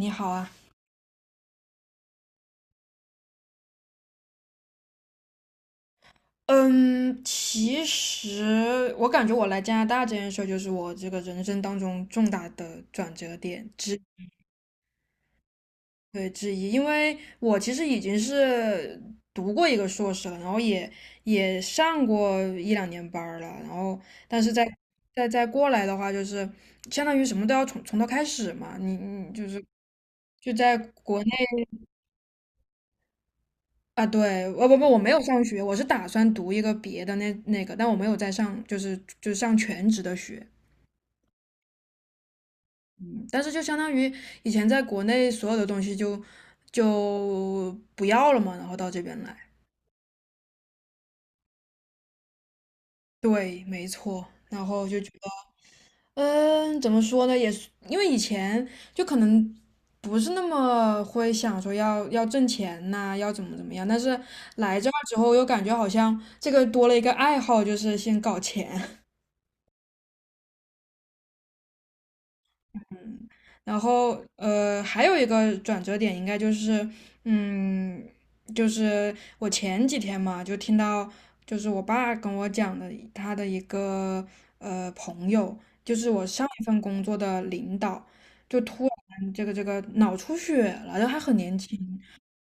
你好啊。嗯，其实我感觉我来加拿大这件事儿就是我这个人生当中重大的转折点对，之一，因为我其实已经是读过一个硕士了，然后也上过一两年班儿了，然后但是在过来的话，就是相当于什么都要从头开始嘛，你就是就在国内。啊，对，我不不，我没有上学，我是打算读一个别的那个，但我没有在上，就是上全职的学。嗯，但是就相当于以前在国内所有的东西就不要了嘛，然后到这边来。对，没错，然后就觉得，怎么说呢，也是因为以前就可能不是那么会想说要挣钱呐、要怎么样，但是来这儿之后又感觉好像这个多了一个爱好，就是先搞钱。然后还有一个转折点应该就是，嗯，就是我前几天嘛，就听到就是我爸跟我讲的他的一个朋友，就是我上一份工作的领导，就突然这个脑出血了，然后还很年轻，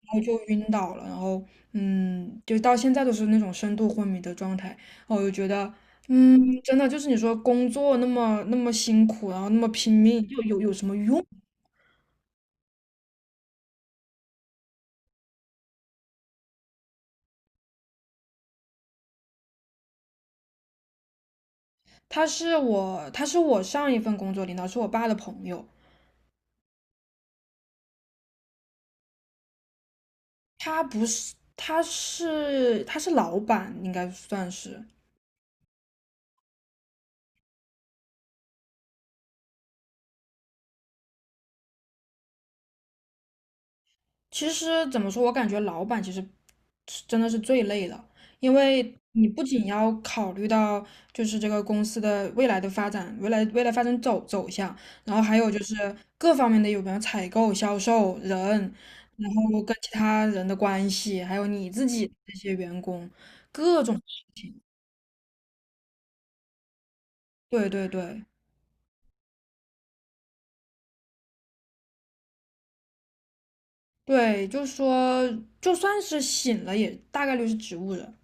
然后就晕倒了。就到现在都是那种深度昏迷的状态，哦我就觉得真的就是你说工作那么辛苦，然后那么拼命，又有什么用？他是我上一份工作领导，是我爸的朋友。他不是，他是老板，应该算是。其实怎么说，我感觉老板其实是真的是最累的，因为你不仅要考虑到就是这个公司的未来的发展，未来发展走向，然后还有就是各方面的有没有采购、销售、人，然后跟其他人的关系，还有你自己这些员工，各种事情。对对对，就说，就算是醒了，也大概率是植物人，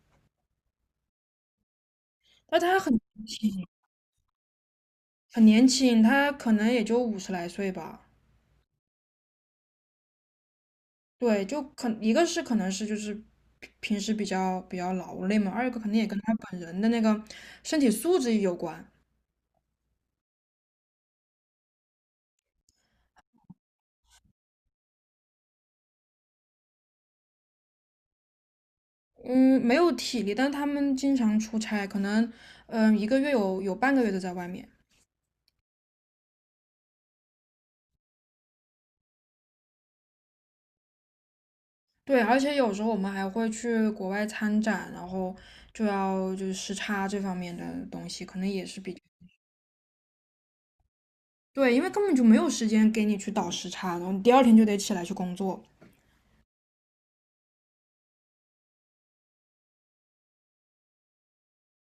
但他很年轻，他可能也就50来岁吧。对，一个是可能是就是平时比较劳累嘛，二一个肯定也跟他本人的那个身体素质有关。嗯，没有体力，但他们经常出差，可能嗯、一个月有半个月都在外面。对，而且有时候我们还会去国外参展，然后就是时差这方面的东西，可能也是对，因为根本就没有时间给你去倒时差，然后你第二天就得起来去工作。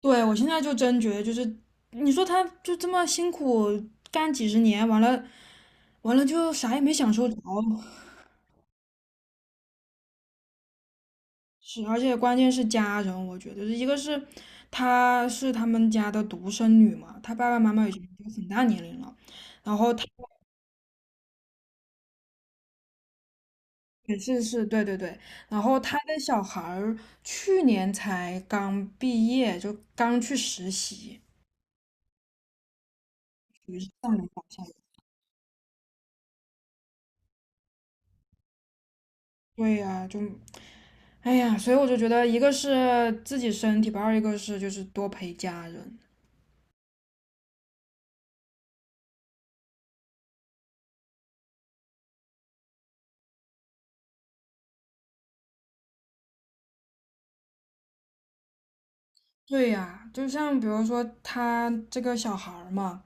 对，我现在就真觉得，就是你说他就这么辛苦干几十年，完了就啥也没享受着。是，而且关键是家人，我觉得一个是她是他们家的独生女嘛，她爸爸妈妈已经都很大年龄了。然后她也是，对对对，然后她的小孩儿去年才刚毕业，就刚去实习，属于是上有老下有对呀、哎呀，所以我就觉得，一个是自己身体吧，二一个是就是多陪家人。对呀，就像比如说他这个小孩儿嘛，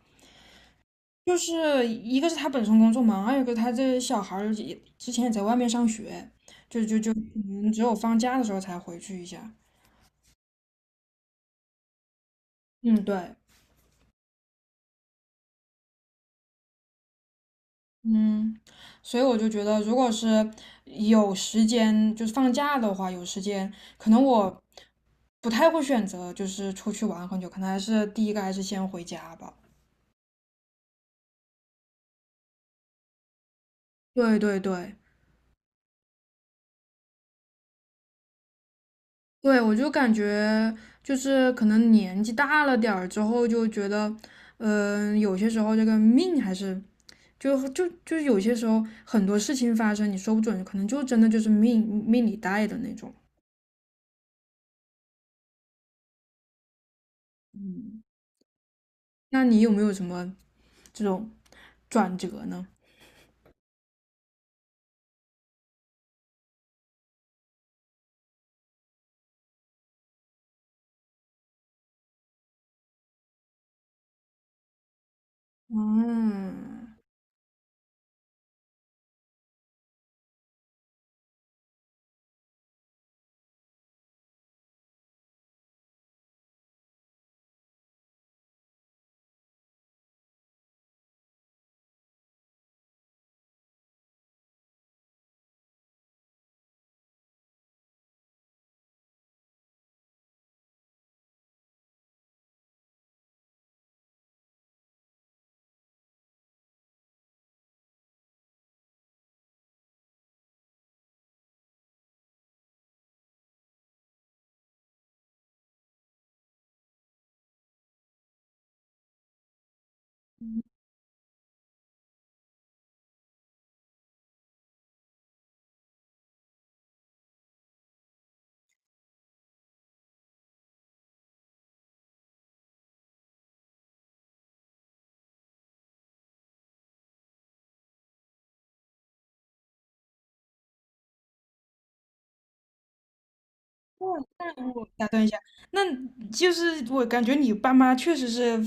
就是一个是他本身工作忙，二一个他这小孩儿也之前也在外面上学，就可能只有放假的时候才回去一下。嗯，对。嗯，所以我就觉得，如果是有时间，就是放假的话，有时间，可能我不太会选择就是出去玩很久，可能还是第一个还是先回家吧。对对对，我就感觉就是可能年纪大了点儿之后，就觉得，有些时候这个命还是就有些时候很多事情发生，你说不准，可能就真的就是命里带的那种。嗯，那你有没有什么这种转折呢？嗯，我打断一下，那就是我感觉你爸妈确实是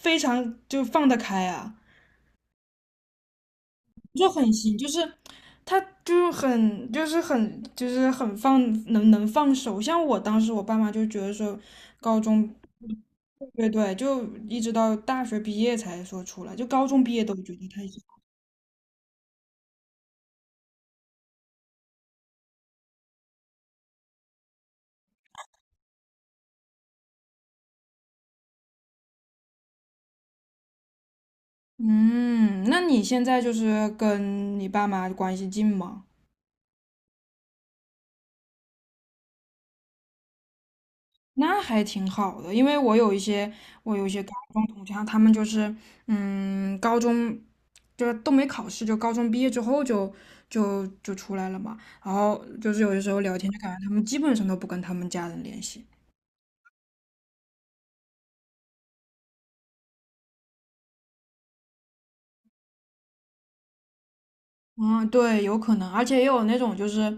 非常就放得开啊。就很行，就是他就是很放能放手。像我当时我爸妈就觉得说，高中对对，就一直到大学毕业才说出来，就高中毕业都觉得太小。嗯，那你现在就是跟你爸妈关系近吗？那还挺好的，因为我有一些高中同学，他们就是嗯，就是都没考试，就高中毕业之后就出来了嘛。然后就是有的时候聊天，就感觉他们基本上都不跟他们家人联系。嗯，对，有可能，而且也有那种就是，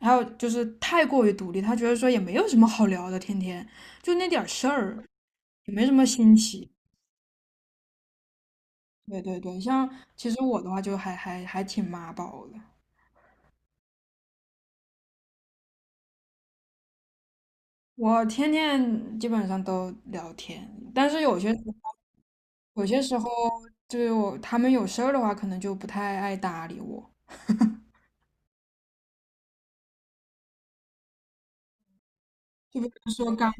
还有就是太过于独立，他觉得说也没有什么好聊的，天天就那点儿事儿，也没什么新奇。对对对，像其实我的话就还挺妈宝的，我天天基本上都聊天，但是有些时候，就是我他们有事儿的话，可能就不太爱搭理我。就比如说刚，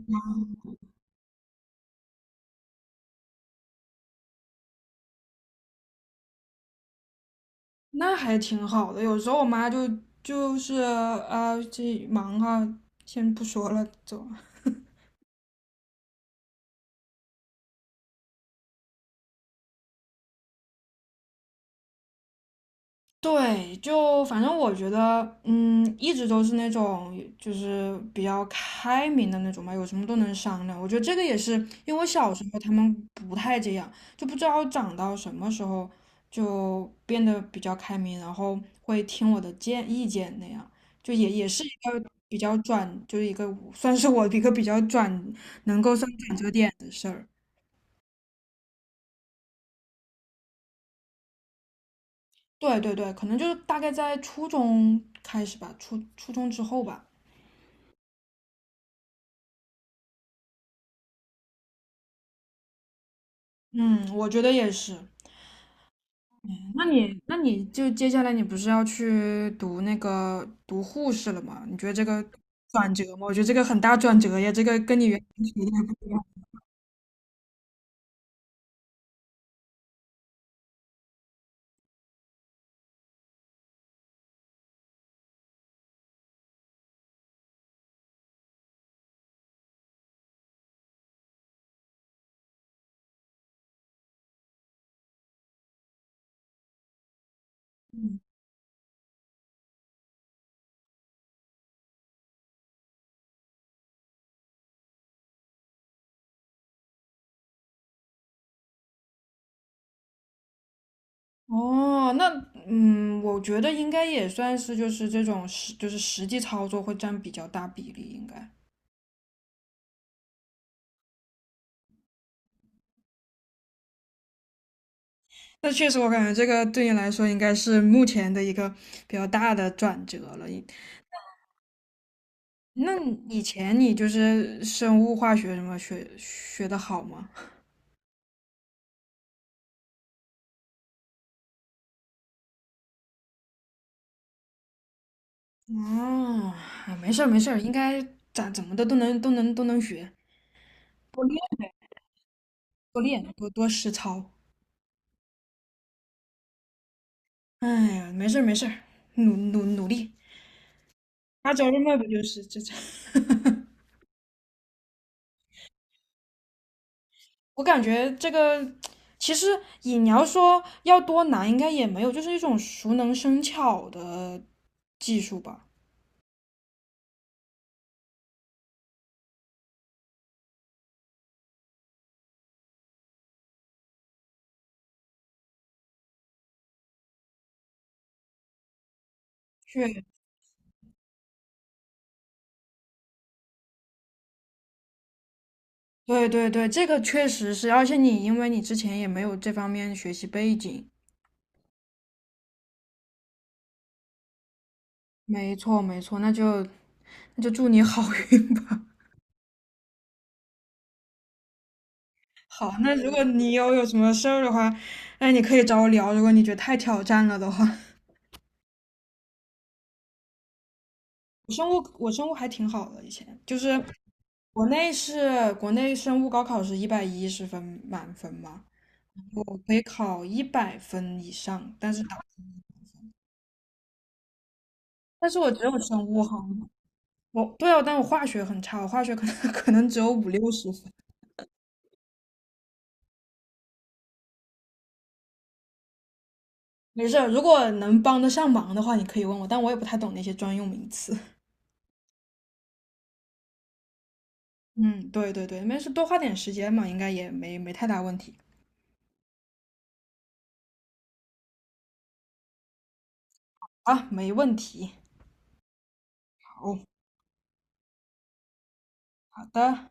那还挺好的。有时候我妈就就是啊，这忙哈，先不说了，走。对，就反正我觉得，嗯，一直都是那种就是比较开明的那种嘛，有什么都能商量。我觉得这个也是因为我小时候他们不太这样，就不知道长到什么时候就变得比较开明，然后会听我的建意见那样，就也是一个比较转，就是一个算是我一个比较转的事儿。对对对，可能就是大概在初中开始吧，初中之后吧。嗯，我觉得也是。那你就接下来你不是要去读那个读护士了吗？你觉得这个转折吗？我觉得这个很大转折呀，这个跟你原哦，那嗯，我觉得应该也算是就是这种实就是实际操作会占比较大比例，应该。那确实，我感觉这个对你来说应该是目前的一个比较大的转折了。那以前你就是生物化学什么学的好吗？哦，啊没事儿，应该咋怎么的都能学，多练多实操。哎呀，没事儿，努力，他找这么不就是这？我感觉这个其实也你要说要多难，应该也没有，就是一种熟能生巧的技术吧。确，对对对，这个确实是，而且你因为你之前也没有这方面学习背景。没错没错，那就那就祝你好运吧。好，那如果你有什么事儿的话，那你可以找我聊。如果你觉得太挑战了的话，我生物还挺好的，以前就是国内是国内生物高考是110分满分嘛，我可以考100分以上，但是打但是我只有生物好。对啊，但我化学很差，我化学可能 可能只有五六十分。没事儿，如果能帮得上忙的话，你可以问我，但我也不太懂那些专用名词。嗯，对对对，没事，多花点时间嘛，应该也没太大问题。啊，没问题。好，好的。